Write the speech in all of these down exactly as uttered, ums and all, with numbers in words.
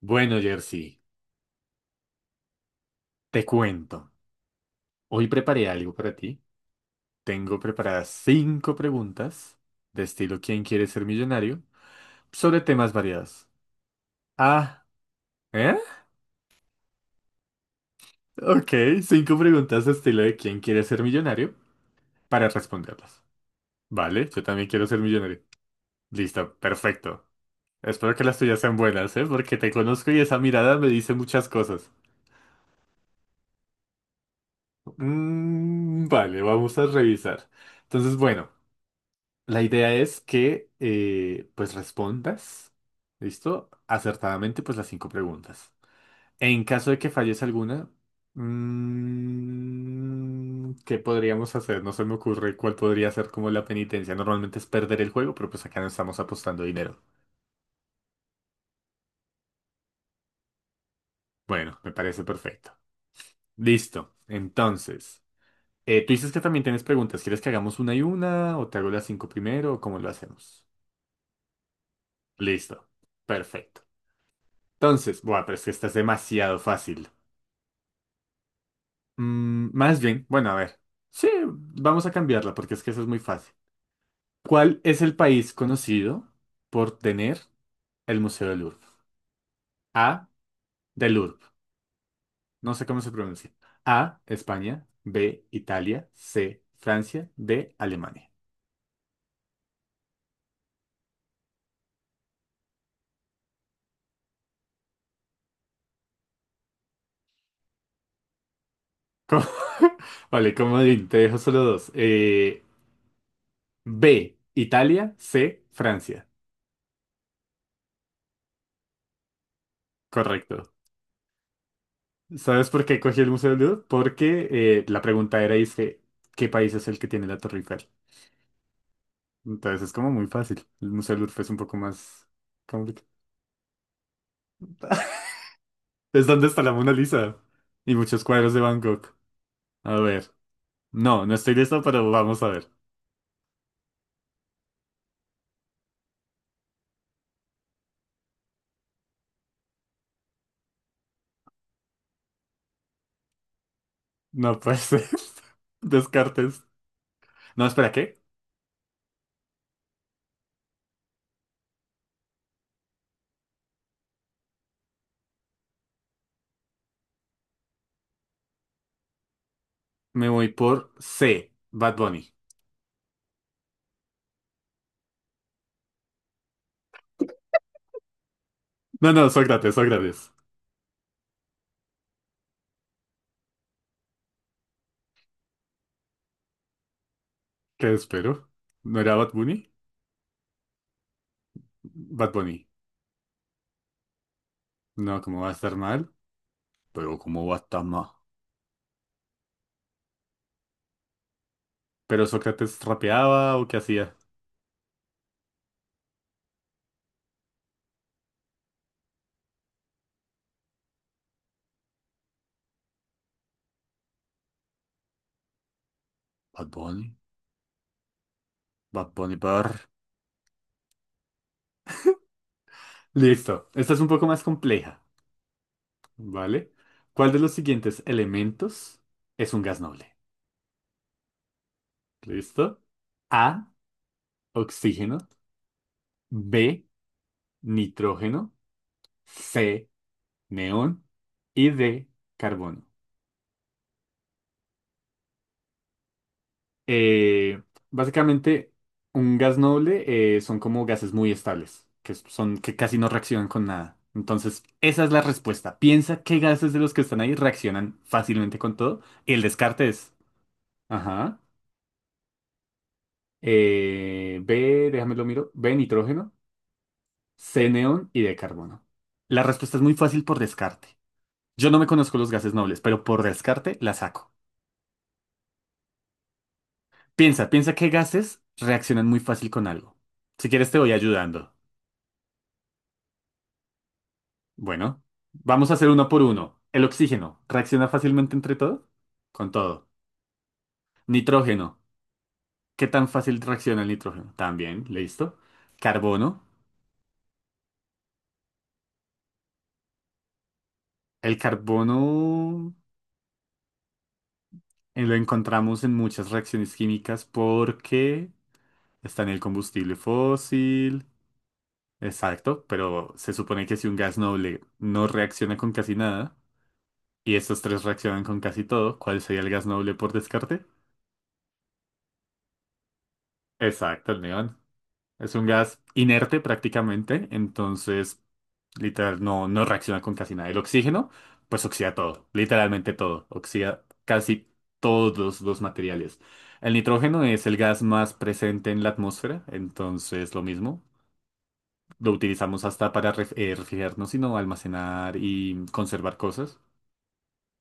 Bueno, Jersey, te cuento. Hoy preparé algo para ti. Tengo preparadas cinco preguntas de estilo ¿Quién quiere ser millonario? Sobre temas variados. Ah, ¿eh? Ok, cinco preguntas de estilo de ¿Quién quiere ser millonario? Para responderlas. Vale, yo también quiero ser millonario. Listo, perfecto. Espero que las tuyas sean buenas, ¿eh? Porque te conozco y esa mirada me dice muchas cosas. Mm, vale, vamos a revisar. Entonces, bueno. La idea es que eh, pues respondas, ¿listo? Acertadamente pues las cinco preguntas. En caso de que falles alguna, mm, ¿qué podríamos hacer? No se me ocurre cuál podría ser como la penitencia. Normalmente es perder el juego, pero pues acá no estamos apostando dinero. Bueno, me parece perfecto. Listo. Entonces, eh, tú dices que también tienes preguntas. ¿Quieres que hagamos una y una o te hago las cinco primero o cómo lo hacemos? Listo. Perfecto. Entonces, buah, pero es que esta es demasiado fácil. Mm, más bien, bueno, a ver. Sí, vamos a cambiarla porque es que eso es muy fácil. ¿Cuál es el país conocido por tener el Museo del Louvre? A, del Louvre. No sé cómo se pronuncia. A, España. B, Italia. C, Francia. D, Alemania. ¿Cómo? Vale, comodín, te dejo solo dos. Eh, B, Italia. C, Francia. Correcto. ¿Sabes por qué cogí el Museo del Louvre? Porque eh, la pregunta era, dice, ¿qué país es el que tiene la Torre Eiffel? Entonces es como muy fácil. El Museo del Louvre es un poco más complicado. Es donde está la Mona Lisa y muchos cuadros de Van Gogh. A ver. No, no estoy listo, pero vamos a ver. No puede ser. Descartes. No, espera, ¿qué? Me voy por C, Bad Bunny. No, no, Sócrates, Sócrates. ¿Qué espero? ¿No era Bad Bunny? Bad Bunny. No, ¿cómo va a estar mal? Pero ¿cómo va a estar mal? ¿Pero Sócrates rapeaba o qué hacía? Bad Bunny. Bad Bunny Bar. Listo. Esta es un poco más compleja, ¿vale? ¿Cuál de los siguientes elementos es un gas noble? ¿Listo? A, oxígeno, B, nitrógeno, C, neón y D, carbono. Eh, básicamente, un gas noble eh, son como gases muy estables, que son que casi no reaccionan con nada. Entonces, esa es la respuesta. Piensa qué gases de los que están ahí reaccionan fácilmente con todo y el descarte es. Ajá. eh, B, déjame lo miro, B, nitrógeno, C, neón y D, carbono. La respuesta es muy fácil por descarte. Yo no me conozco los gases nobles, pero por descarte la saco. Piensa, piensa qué gases reaccionan muy fácil con algo. Si quieres te voy ayudando. Bueno, vamos a hacer uno por uno. El oxígeno, ¿reacciona fácilmente entre todo? Con todo. Nitrógeno, ¿qué tan fácil reacciona el nitrógeno? También, listo. Carbono, el carbono. Eh, Lo encontramos en muchas reacciones químicas porque está en el combustible fósil, exacto, pero se supone que si un gas noble no reacciona con casi nada y estos tres reaccionan con casi todo, ¿cuál sería el gas noble por descarte? Exacto, el neón. Es un gas inerte prácticamente, entonces literal, no, no reacciona con casi nada. El oxígeno, pues oxida todo, literalmente todo. Oxida casi todos los materiales. El nitrógeno es el gas más presente en la atmósfera, entonces lo mismo. Lo utilizamos hasta para ref- eh, refrigerarnos, sino almacenar y conservar cosas.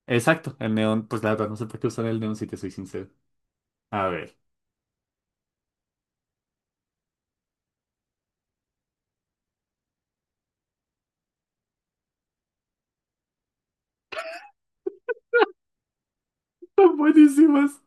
Exacto, el neón, pues la verdad no sé por qué usar el neón si te soy sincero. A ver. Son buenísimas.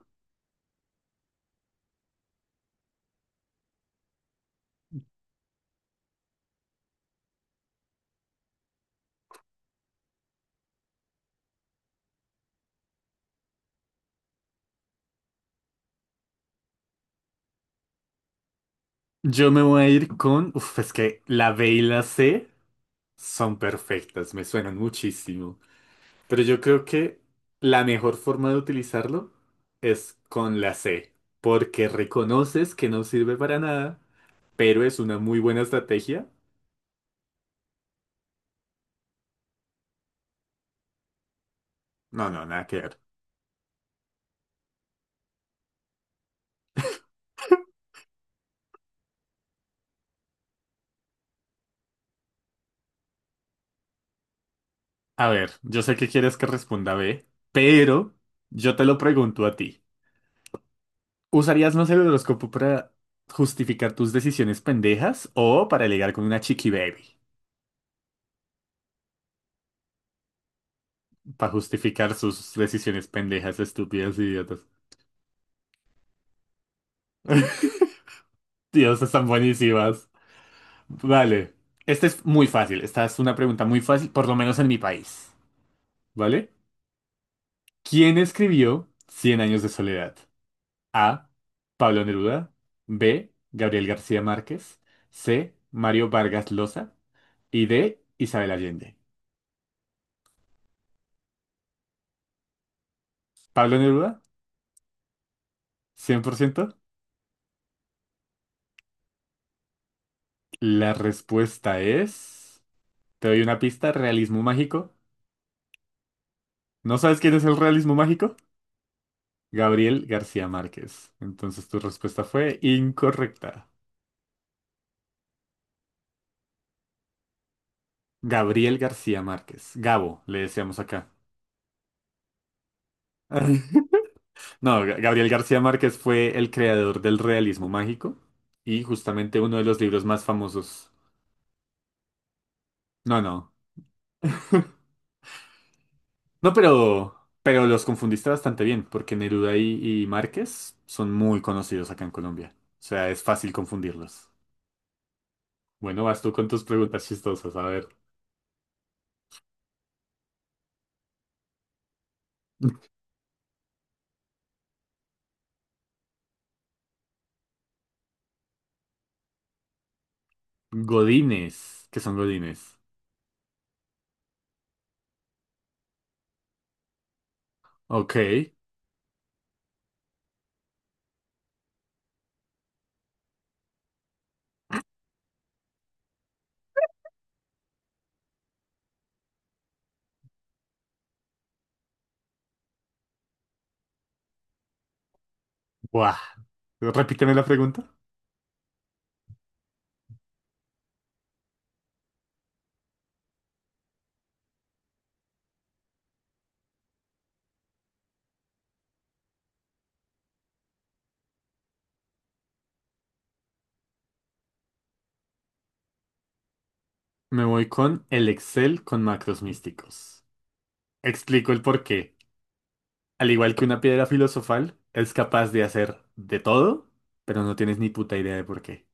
Yo me voy a ir con. Uf, es que la B y la C son perfectas, me suenan muchísimo. Pero yo creo que la mejor forma de utilizarlo es con la C, porque reconoces que no sirve para nada, pero es una muy buena estrategia. No, no, nada que ver. A ver, yo sé que quieres que responda B, pero yo te lo pregunto a ti. ¿Usarías más el horóscopo para justificar tus decisiones pendejas o para ligar con una chiqui baby? Para justificar sus decisiones pendejas, estúpidas, idiotas. Dios, están buenísimas. Vale. Esta es muy fácil. Esta es una pregunta muy fácil, por lo menos en mi país. ¿Vale? ¿Quién escribió Cien años de soledad? A. Pablo Neruda. B. Gabriel García Márquez. C. Mario Vargas Llosa. Y D. Isabel Allende. ¿Pablo Neruda? Cien por ciento. La respuesta es. Te doy una pista. Realismo mágico. ¿No sabes quién es el realismo mágico? Gabriel García Márquez. Entonces tu respuesta fue incorrecta. Gabriel García Márquez. Gabo, le decíamos acá. No, Ga- Gabriel García Márquez fue el creador del realismo mágico y justamente uno de los libros más famosos. No, no. No, pero, pero los confundiste bastante bien, porque Neruda y, y Márquez son muy conocidos acá en Colombia. O sea, es fácil confundirlos. Bueno, vas tú con tus preguntas chistosas. A ver. Godines. ¿Qué son godines? Ok. Buah. Repíteme la pregunta. Me voy con el Excel con macros místicos. Explico el porqué. Al igual que una piedra filosofal, es capaz de hacer de todo, pero no tienes ni puta idea de por qué.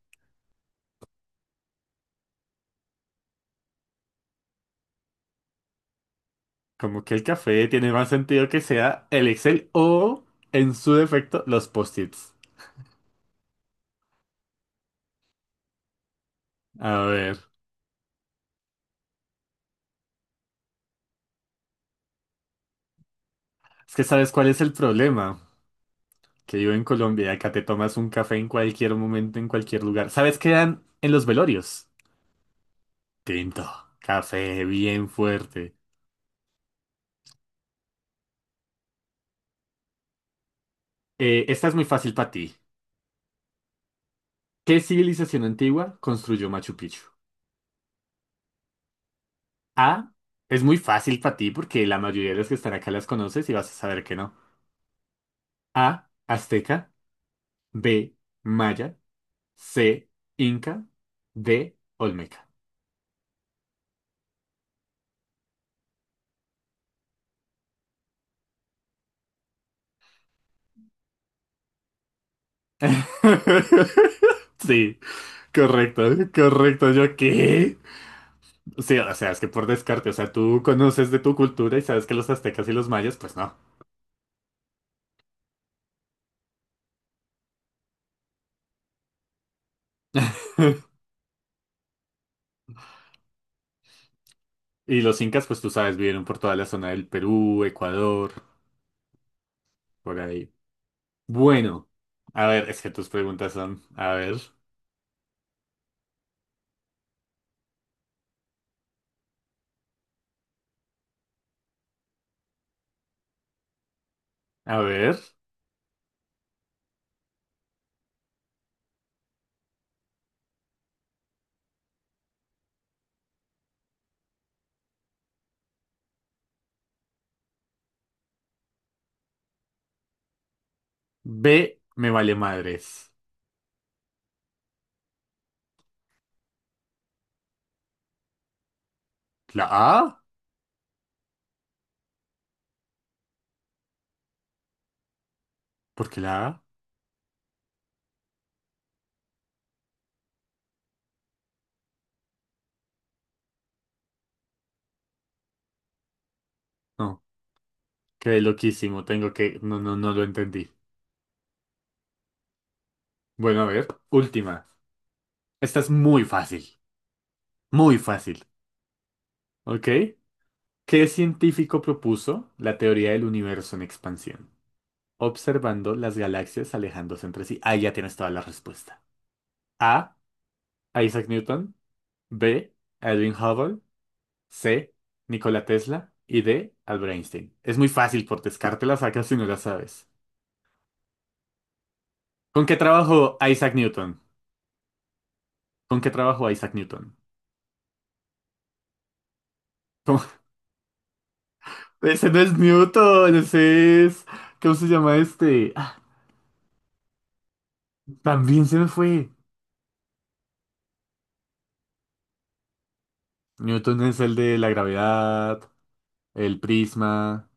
Como que el café tiene más sentido que sea el Excel o, en su defecto, los post-its. A ver, es que sabes cuál es el problema. Que yo en Colombia y acá te tomas un café en cualquier momento, en cualquier lugar. ¿Sabes qué dan en los velorios? Tinto, café bien fuerte. Eh, esta es muy fácil para ti. ¿Qué civilización antigua construyó Machu Picchu? A. Es muy fácil para ti porque la mayoría de las que están acá las conoces y vas a saber que no. A. Azteca. B. Maya. C. Inca. D. Olmeca. Sí, correcto, correcto. ¿Yo qué? Sí, o sea, es que por descarte, o sea, tú conoces de tu cultura y sabes que los aztecas y los mayas, pues no. Y los incas, pues tú sabes, vivieron por toda la zona del Perú, Ecuador, por ahí. Bueno, a ver, es que tus preguntas son, a ver, a ver. B, me vale madres. ¿La A? ¿Por qué la A? No, quedé loquísimo, tengo que, no, no, no lo entendí. Bueno, a ver, última. Esta es muy fácil, muy fácil, ¿ok? ¿Qué científico propuso la teoría del universo en expansión? Observando las galaxias alejándose entre sí. Ahí ya tienes toda la respuesta. A, Isaac Newton. B, Edwin Hubble. C. Nikola Tesla. Y D. Albert Einstein. Es muy fácil, por descarte la sacas si no la sabes. ¿Con qué trabajó Isaac Newton? ¿Con qué trabajó Isaac Newton? ¿Cómo? Ese no es Newton, ese es. ¿Cómo se llama este? Ah, también se me fue. Newton es el de la gravedad, el prisma.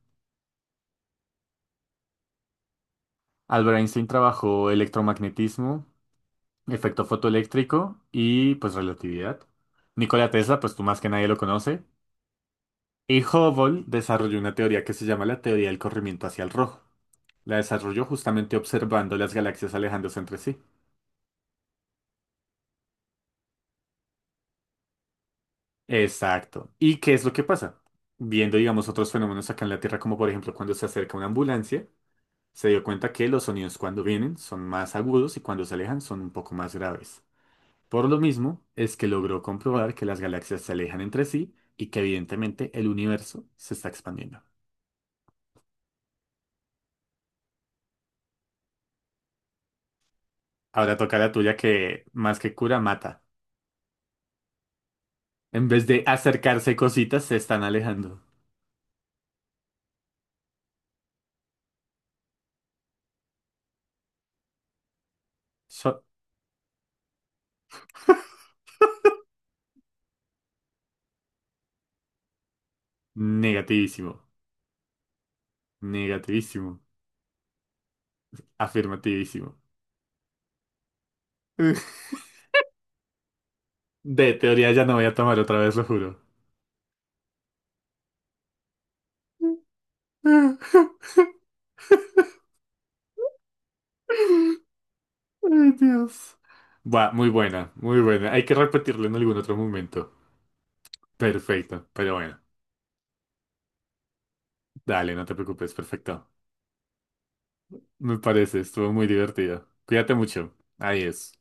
Albert Einstein trabajó electromagnetismo, efecto fotoeléctrico y pues relatividad. Nikola Tesla, pues tú más que nadie lo conoce. Y Hubble desarrolló una teoría que se llama la teoría del corrimiento hacia el rojo. La desarrolló justamente observando las galaxias alejándose entre sí. Exacto. ¿Y qué es lo que pasa? Viendo, digamos, otros fenómenos acá en la Tierra, como por ejemplo cuando se acerca una ambulancia, se dio cuenta que los sonidos cuando vienen son más agudos y cuando se alejan son un poco más graves. Por lo mismo, es que logró comprobar que las galaxias se alejan entre sí y que evidentemente el universo se está expandiendo. Ahora toca la tuya que más que cura, mata. En vez de acercarse cositas, se están alejando. So- negativísimo. Negativísimo. Afirmativísimo. De teoría ya no voy a tomar otra vez, lo juro. Ay, Dios. Buah, muy buena, muy buena. Hay que repetirlo en algún otro momento. Perfecto, pero bueno. Dale, no te preocupes, perfecto. Me parece, estuvo muy divertido. Cuídate mucho. Adiós.